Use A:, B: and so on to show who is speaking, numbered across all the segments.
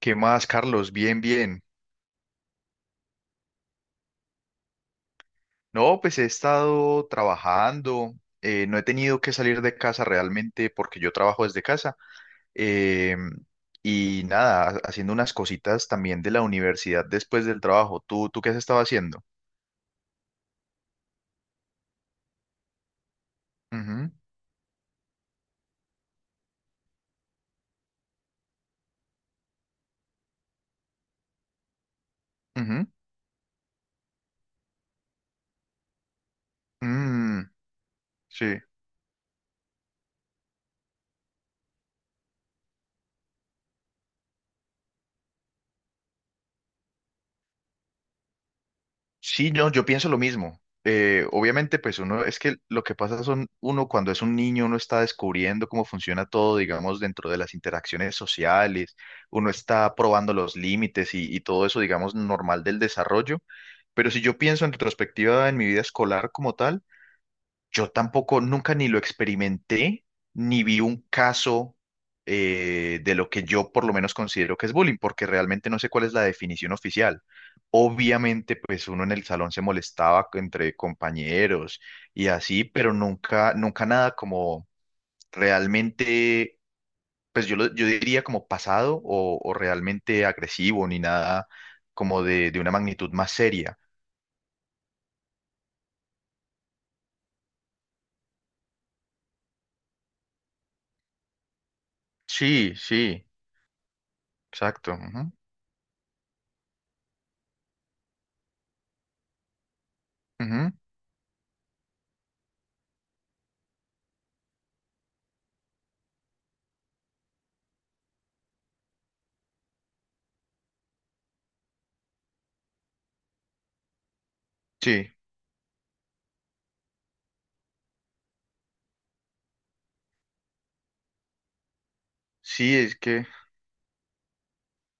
A: ¿Qué más, Carlos? Bien, bien. No, pues he estado trabajando, no he tenido que salir de casa realmente porque yo trabajo desde casa. eh, y nada, haciendo unas cositas también de la universidad después del trabajo. ¿Tú qué has estado haciendo? Ujú, ujú, mm, sí. Sí, no, yo pienso lo mismo. Obviamente, pues uno, es que lo que pasa son, uno cuando es un niño, uno está descubriendo cómo funciona todo, digamos, dentro de las interacciones sociales, uno está probando los límites y todo eso, digamos, normal del desarrollo. Pero si yo pienso en retrospectiva en mi vida escolar como tal, yo tampoco, nunca ni lo experimenté, ni vi un caso de lo que yo por lo menos considero que es bullying, porque realmente no sé cuál es la definición oficial. Obviamente, pues uno en el salón se molestaba entre compañeros y así, pero nunca, nunca nada como realmente, pues yo, yo diría como pasado o realmente agresivo, ni nada como de una magnitud más seria. Sí, sí, exacto. Ujú, ujú. Sí, sí, es que...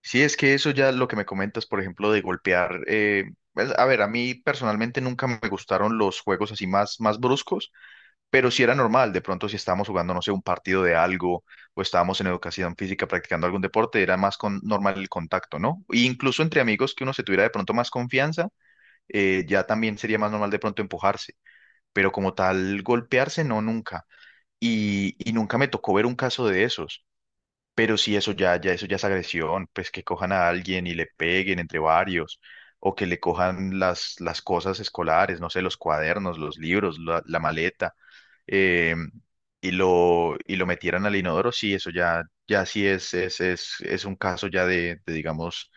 A: Sí, es que eso ya lo que me comentas, por ejemplo, de golpear. Pues, a ver, a mí personalmente nunca me gustaron los juegos así más, más bruscos, pero sí era normal. De pronto, si estábamos jugando, no sé, un partido de algo o estábamos en educación física practicando algún deporte, era más normal el contacto, ¿no? E incluso entre amigos que uno se tuviera de pronto más confianza, ya también sería más normal de pronto empujarse, pero como tal, golpearse, no, nunca. Y nunca me tocó ver un caso de esos. Pero si eso ya es agresión, pues que cojan a alguien y le peguen entre varios, o que le cojan las cosas escolares, no sé, los cuadernos, los libros, la maleta, eh, y lo metieran al inodoro, sí, eso ya, sí es un caso ya de, digamos,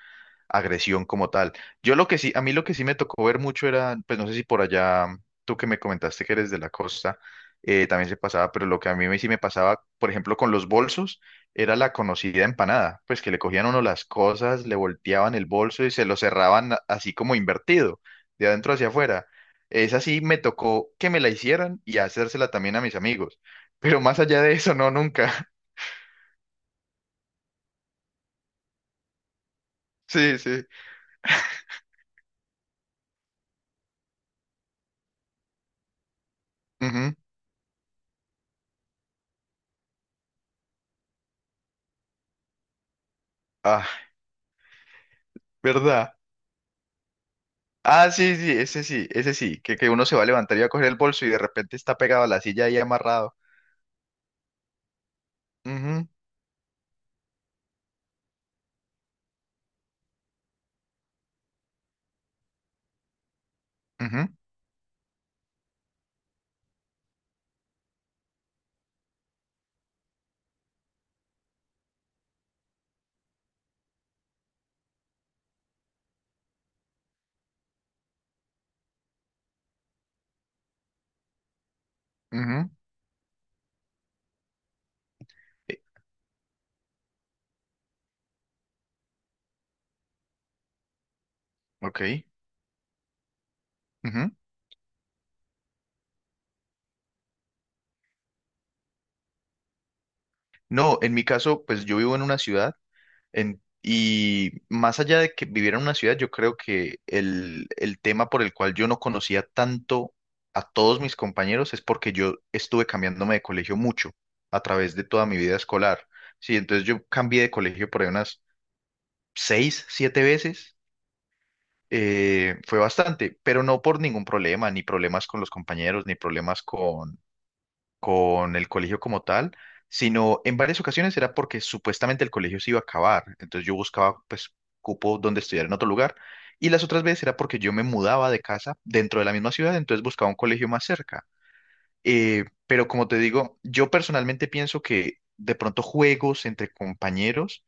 A: agresión como tal. Yo lo que sí, a mí lo que sí me tocó ver mucho era, pues no sé si por allá, tú que me comentaste que eres de la costa, también se pasaba, pero lo que a mí sí me pasaba, por ejemplo, con los bolsos, era la conocida empanada, pues que le cogían a uno las cosas, le volteaban el bolso y se lo cerraban así como invertido, de adentro hacia afuera. Esa sí me tocó que me la hicieran y hacérsela también a mis amigos. Pero más allá de eso, no, nunca. Sí, sí. Ujú. Ah, ¿verdad? Ah, sí, sí, ese sí, ese sí, que uno se va a levantar y va a coger el bolso y de repente está pegado a la silla ahí amarrado. Ujú, ujú, ujú, eh, ok. Ujú. No, en mi caso, pues yo vivo en una ciudad y más allá de que viviera en una ciudad, yo creo que el tema por el cual yo no conocía tanto a todos mis compañeros es porque yo estuve cambiándome de colegio mucho a través de toda mi vida escolar. Sí, entonces yo cambié de colegio por ahí unas seis, siete veces fue bastante, pero no por ningún problema, ni problemas con los compañeros, ni problemas con el colegio como tal, sino en varias ocasiones era porque supuestamente el colegio se iba a acabar, entonces yo buscaba pues cupo donde estudiar en otro lugar, y las otras veces era porque yo me mudaba de casa dentro de la misma ciudad, entonces buscaba un colegio más cerca. Pero como te digo, yo personalmente pienso que de pronto juegos entre compañeros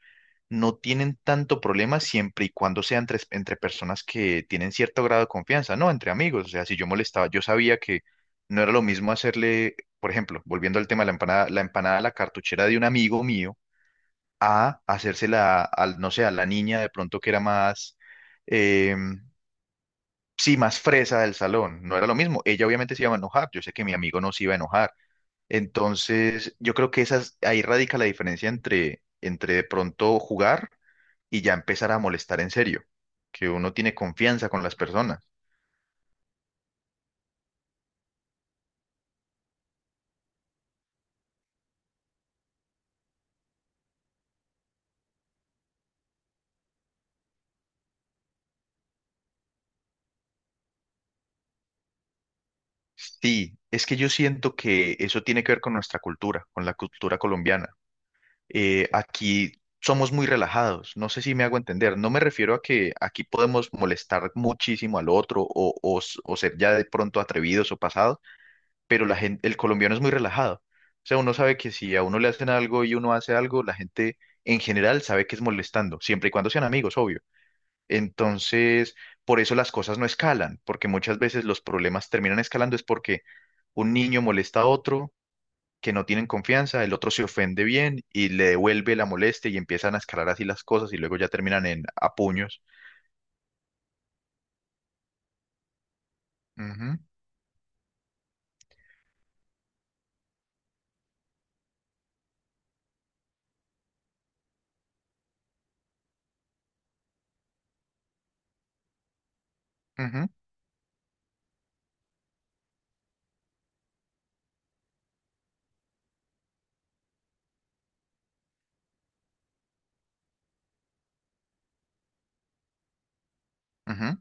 A: no tienen tanto problema siempre y cuando sean entre personas que tienen cierto grado de confianza, no entre amigos. O sea, si yo molestaba, yo sabía que no era lo mismo hacerle, por ejemplo, volviendo al tema de la empanada a la cartuchera de un amigo mío, a hacérsela al, no sé, a la niña de pronto que era más, eh, sí, más fresa del salón. No era lo mismo. Ella obviamente se iba a enojar. Yo sé que mi amigo no se iba a enojar. Entonces, yo creo que esas, ahí radica la diferencia entre, entre de pronto jugar y ya empezar a molestar en serio, que uno tiene confianza con las personas. Sí, es que yo siento que eso tiene que ver con nuestra cultura, con la cultura colombiana. Aquí somos muy relajados, no sé si me hago entender, no me refiero a que aquí podemos molestar muchísimo al otro o ser ya de pronto atrevidos o pasados, pero la gente, el colombiano es muy relajado. O sea, uno sabe que si a uno le hacen algo y uno hace algo, la gente en general sabe que es molestando, siempre y cuando sean amigos, obvio. Entonces, por eso las cosas no escalan, porque muchas veces los problemas terminan escalando es porque un niño molesta a otro que no tienen confianza, el otro se ofende bien y le devuelve la molestia y empiezan a escalar así las cosas y luego ya terminan en a puños. Ujú, ujú, ujú.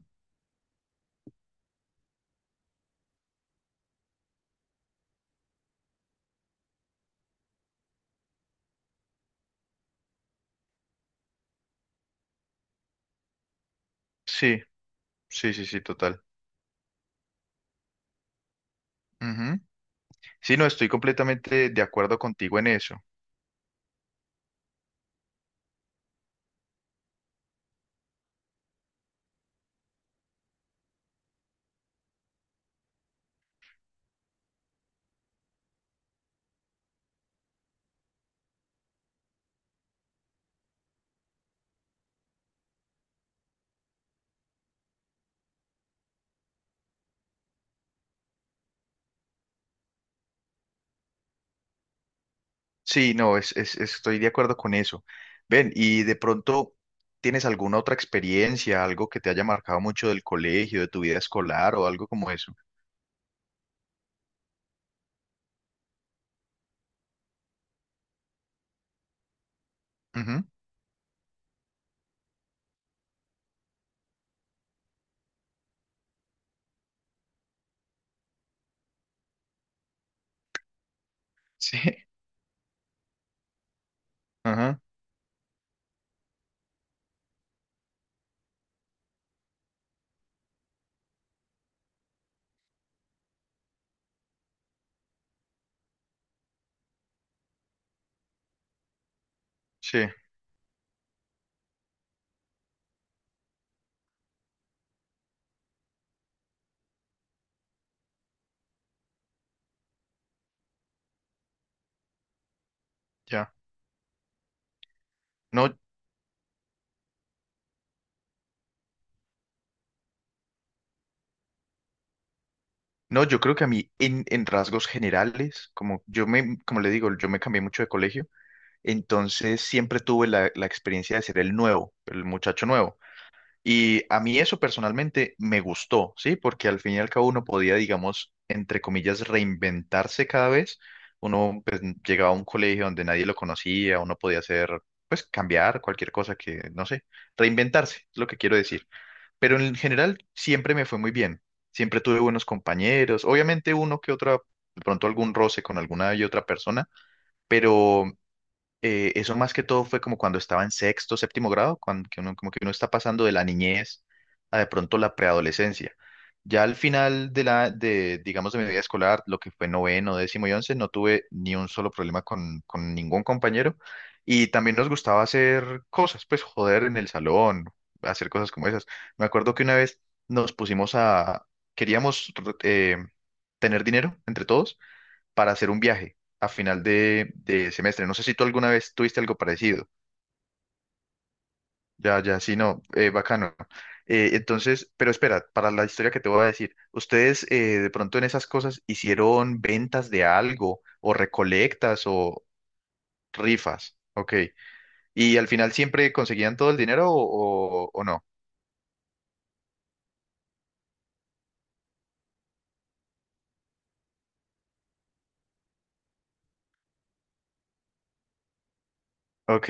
A: Sí, sí, sí, sí, total. Ujú. Sí, no, estoy completamente de acuerdo contigo en eso. Sí, no, estoy de acuerdo con eso. Ven, y de pronto, ¿tienes alguna otra experiencia, algo que te haya marcado mucho del colegio, de tu vida escolar o algo como eso? Ujú. Sí, ajá, sí, ya. No, no, yo creo que a mí en rasgos generales, como yo me, como le digo, yo me cambié mucho de colegio, entonces siempre tuve la experiencia de ser el nuevo, el muchacho nuevo. Y a mí eso personalmente me gustó, ¿sí? Porque al fin y al cabo uno podía, digamos, entre comillas, reinventarse cada vez. Uno pues, llegaba a un colegio donde nadie lo conocía, uno podía hacer, pues, cambiar cualquier cosa que, no sé, reinventarse, es lo que quiero decir. Pero en general siempre me fue muy bien. Siempre tuve buenos compañeros. Obviamente uno que otra, de pronto algún roce con alguna y otra persona, pero eso más que todo fue como cuando estaba en sexto, séptimo grado, cuando que uno, como que uno está pasando de la niñez a de pronto la preadolescencia. Ya al final de, digamos, de mi vida escolar, lo que fue noveno, décimo y once, no tuve ni un solo problema con ningún compañero. Y también nos gustaba hacer cosas, pues joder en el salón, hacer cosas como esas. Me acuerdo que una vez nos pusimos a, queríamos eh, tener dinero entre todos para hacer un viaje a final de semestre. No sé si tú alguna vez tuviste algo parecido. Ya, ya, sí, no, bacano. Entonces, pero espera, para la historia que te voy a decir, ¿ustedes de pronto en esas cosas hicieron ventas de algo o recolectas o rifas? Ok. ¿Y al final siempre conseguían todo el dinero o no? Ok,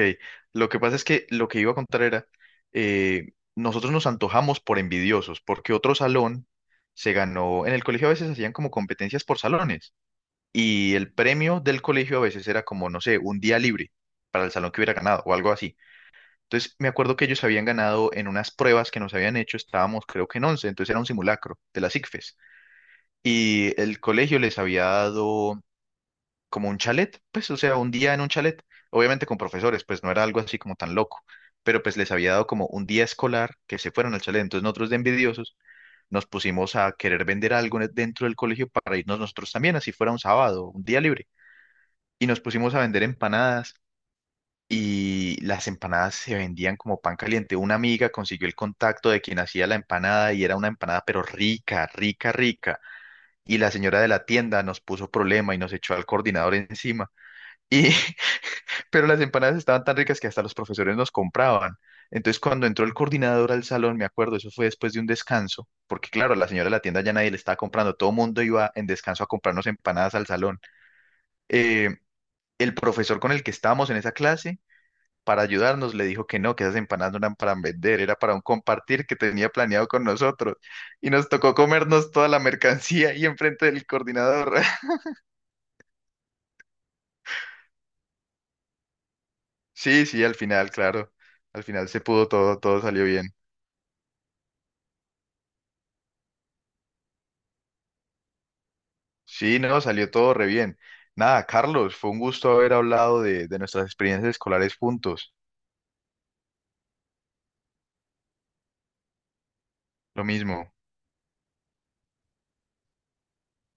A: lo que pasa es que lo que iba a contar era, nosotros nos antojamos por envidiosos, porque otro salón se ganó, en el colegio a veces hacían como competencias por salones, y el premio del colegio a veces era como, no sé, un día libre para el salón que hubiera ganado o algo así. Entonces me acuerdo que ellos habían ganado en unas pruebas que nos habían hecho, estábamos creo que en 11, entonces era un simulacro de las ICFES, y el colegio les había dado como un chalet, pues, o sea, un día en un chalet, obviamente con profesores, pues no era algo así como tan loco, pero pues les había dado como un día escolar que se fueron al chalet, entonces nosotros de envidiosos nos pusimos a querer vender algo dentro del colegio para irnos nosotros también, así fuera un sábado, un día libre, y nos pusimos a vender empanadas. Y las empanadas se vendían como pan caliente. Una amiga consiguió el contacto de quien hacía la empanada y era una empanada pero rica, rica, rica. Y la señora de la tienda nos puso problema y nos echó al coordinador encima. Y, pero las empanadas estaban tan ricas que hasta los profesores nos compraban. Entonces, cuando entró el coordinador al salón, me acuerdo, eso fue después de un descanso, porque claro, la señora de la tienda ya nadie le estaba comprando, todo el mundo iba en descanso a comprarnos empanadas al salón. Eh, el profesor con el que estábamos en esa clase, para ayudarnos, le dijo que no, que esas empanadas no eran para vender, era para un compartir que tenía planeado con nosotros. Y nos tocó comernos toda la mercancía ahí enfrente del coordinador. Sí, sí, al final, claro, al final se pudo todo, todo salió bien. Sí, no, salió todo re bien. Nada, Carlos, fue un gusto haber hablado de nuestras experiencias escolares juntos. Lo mismo.